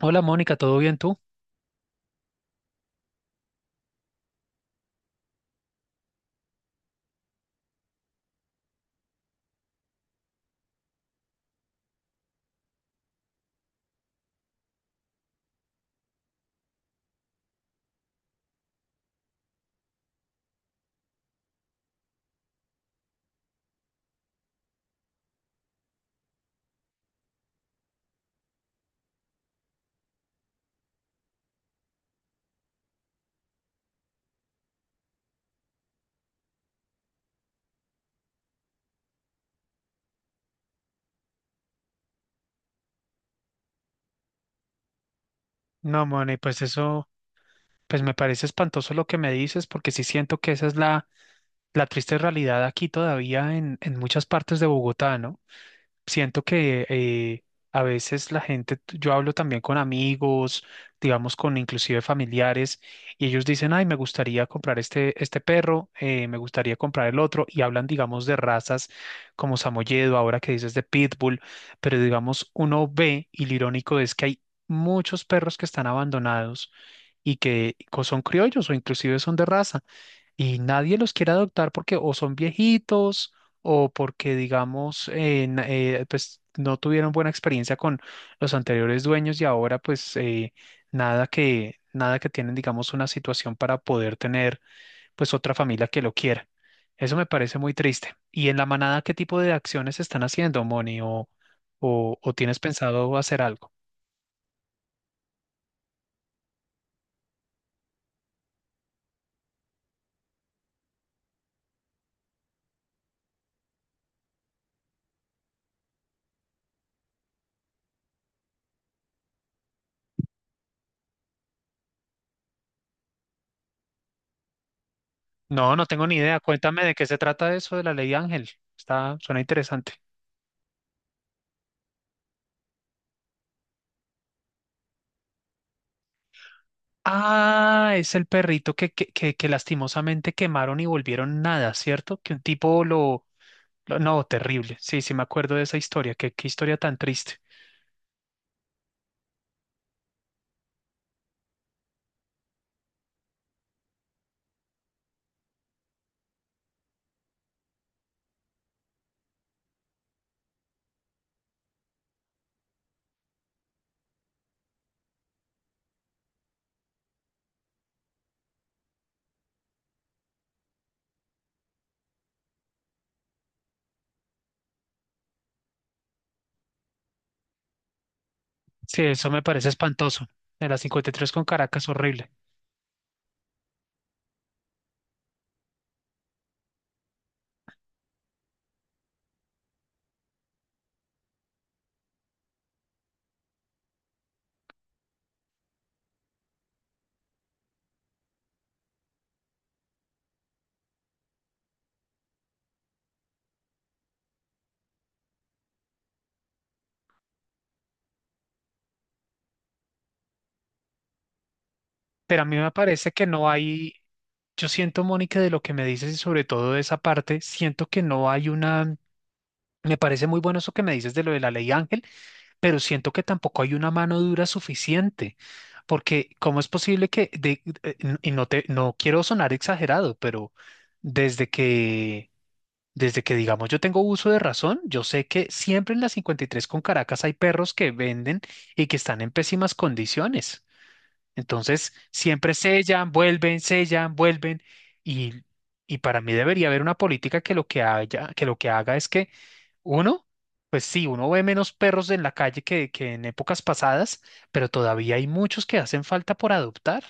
Hola Mónica, ¿todo bien tú? No, Moni, pues me parece espantoso lo que me dices, porque sí siento que esa es la triste realidad aquí todavía en muchas partes de Bogotá, ¿no? Siento que a veces la gente, yo hablo también con amigos, digamos con inclusive familiares, y ellos dicen, ay, me gustaría comprar este perro, me gustaría comprar el otro, y hablan, digamos, de razas como Samoyedo, ahora que dices de Pitbull, pero digamos, uno ve, y lo irónico es que hay muchos perros que están abandonados y que son criollos o inclusive son de raza y nadie los quiere adoptar porque o son viejitos o porque, digamos, pues no tuvieron buena experiencia con los anteriores dueños y ahora pues nada que tienen, digamos, una situación para poder tener pues otra familia que lo quiera. Eso me parece muy triste. ¿Y en la manada qué tipo de acciones están haciendo, Moni? O tienes pensado hacer algo? No, no tengo ni idea. Cuéntame de qué se trata eso de la ley Ángel. Está, suena interesante. Ah, es el perrito que lastimosamente quemaron y volvieron nada, ¿cierto? Que un tipo no, terrible. Sí, sí me acuerdo de esa historia. Qué historia tan triste. Sí, eso me parece espantoso. En la cincuenta y tres con Caracas, horrible. Pero a mí me parece que no hay... Yo siento, Mónica, de lo que me dices y sobre todo de esa parte, siento que no hay una... Me parece muy bueno eso que me dices de lo de la ley Ángel, pero siento que tampoco hay una mano dura suficiente, porque ¿cómo es posible que, y no te, no quiero sonar exagerado, pero desde que, desde que digamos yo tengo uso de razón, yo sé que siempre en la 53 con Caracas hay perros que venden y que están en pésimas condiciones. Entonces, siempre sellan, vuelven, y, y para mí debería haber una política que lo que haya, que lo que haga es que uno, pues sí, uno ve menos perros en la calle que en épocas pasadas, pero todavía hay muchos que hacen falta por adoptar.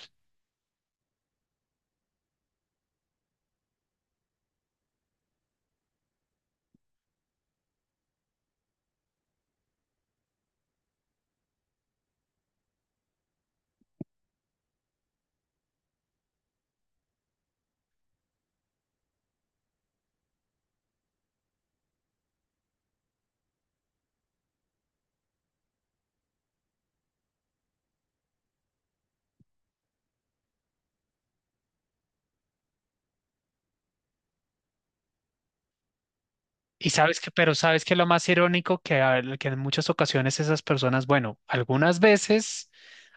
Y sabes que, pero sabes que lo más irónico que, que en muchas ocasiones esas personas, bueno,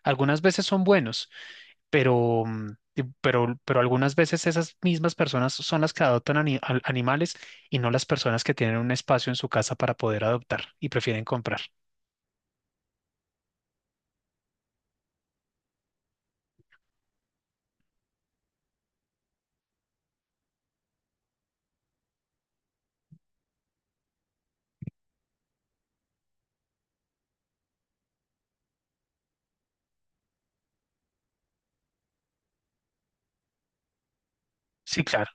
algunas veces son buenos, pero, pero algunas veces esas mismas personas son las que adoptan animales y no las personas que tienen un espacio en su casa para poder adoptar y prefieren comprar. Sí, claro.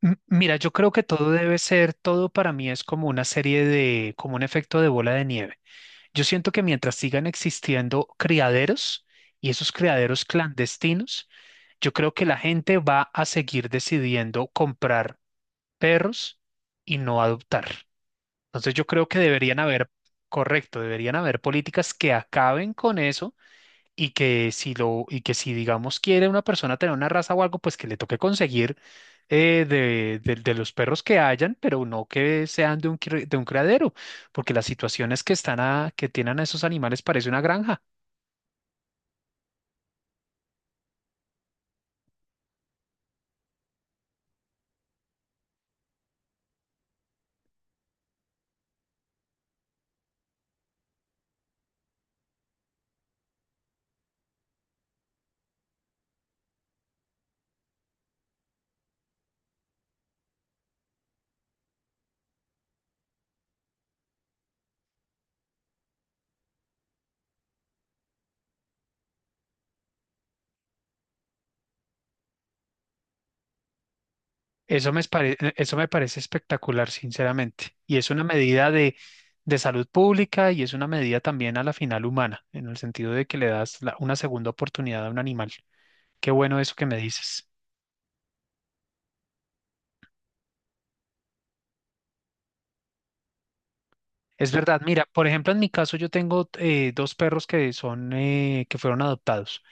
Mira, yo creo que todo debe ser, todo para mí es como una serie de, como un efecto de bola de nieve. Yo siento que mientras sigan existiendo criaderos y esos criaderos clandestinos, yo creo que la gente va a seguir decidiendo comprar perros y no adoptar. Entonces yo creo que deberían haber, correcto, deberían haber políticas que acaben con eso y que si lo, y que si digamos quiere una persona tener una raza o algo, pues que le toque conseguir de los perros que hayan, pero no que sean de un, de un criadero, porque las situaciones que están a, que tienen a esos animales parece una granja. Eso me parece espectacular, sinceramente. Y es una medida de salud pública y es una medida también a la final humana, en el sentido de que le das una segunda oportunidad a un animal. Qué bueno eso que me dices. Es verdad, mira, por ejemplo, en mi caso yo tengo dos perros que son, que fueron adoptados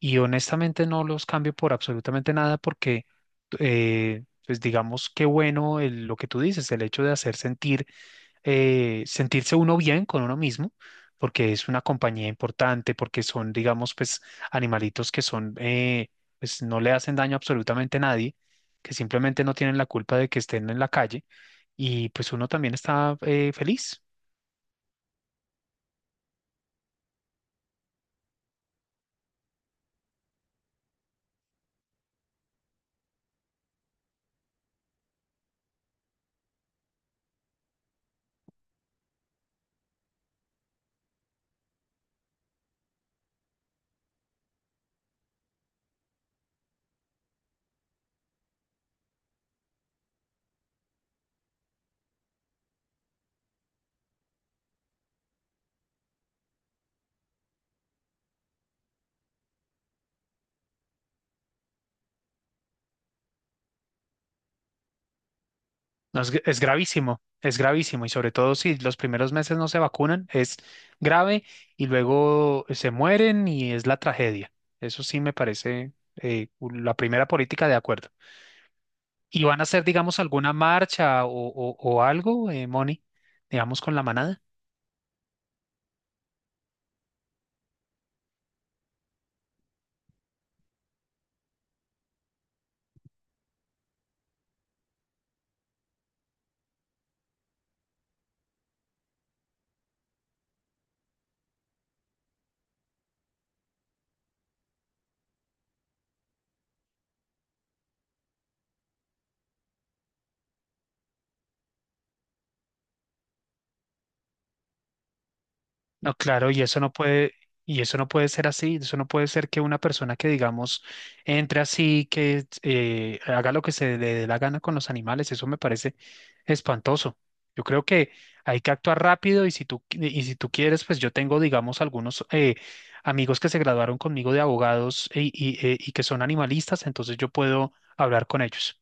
y honestamente no los cambio por absolutamente nada porque, pues digamos, qué bueno lo que tú dices, el hecho de hacer sentir sentirse uno bien con uno mismo, porque es una compañía importante, porque son, digamos, pues animalitos que son, pues no le hacen daño absolutamente a nadie, que simplemente no tienen la culpa de que estén en la calle y pues uno también está feliz. No, es gravísimo y sobre todo si los primeros meses no se vacunan, es grave y luego se mueren y es la tragedia. Eso sí me parece la primera política de acuerdo. ¿Y van a hacer, digamos, alguna marcha o, o algo, Moni, digamos, con la manada? No, claro, y eso no puede ser así, eso no puede ser que una persona que, digamos, entre así, que haga lo que se le dé la gana con los animales, eso me parece espantoso. Yo creo que hay que actuar rápido y si tú, y si tú quieres, pues yo tengo, digamos, algunos amigos que se graduaron conmigo de abogados y que son animalistas, entonces yo puedo hablar con ellos.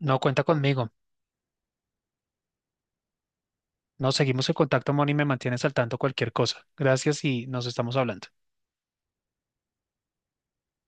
No, cuenta conmigo. Nos seguimos en contacto, Moni, y me mantienes al tanto cualquier cosa. Gracias y nos estamos hablando.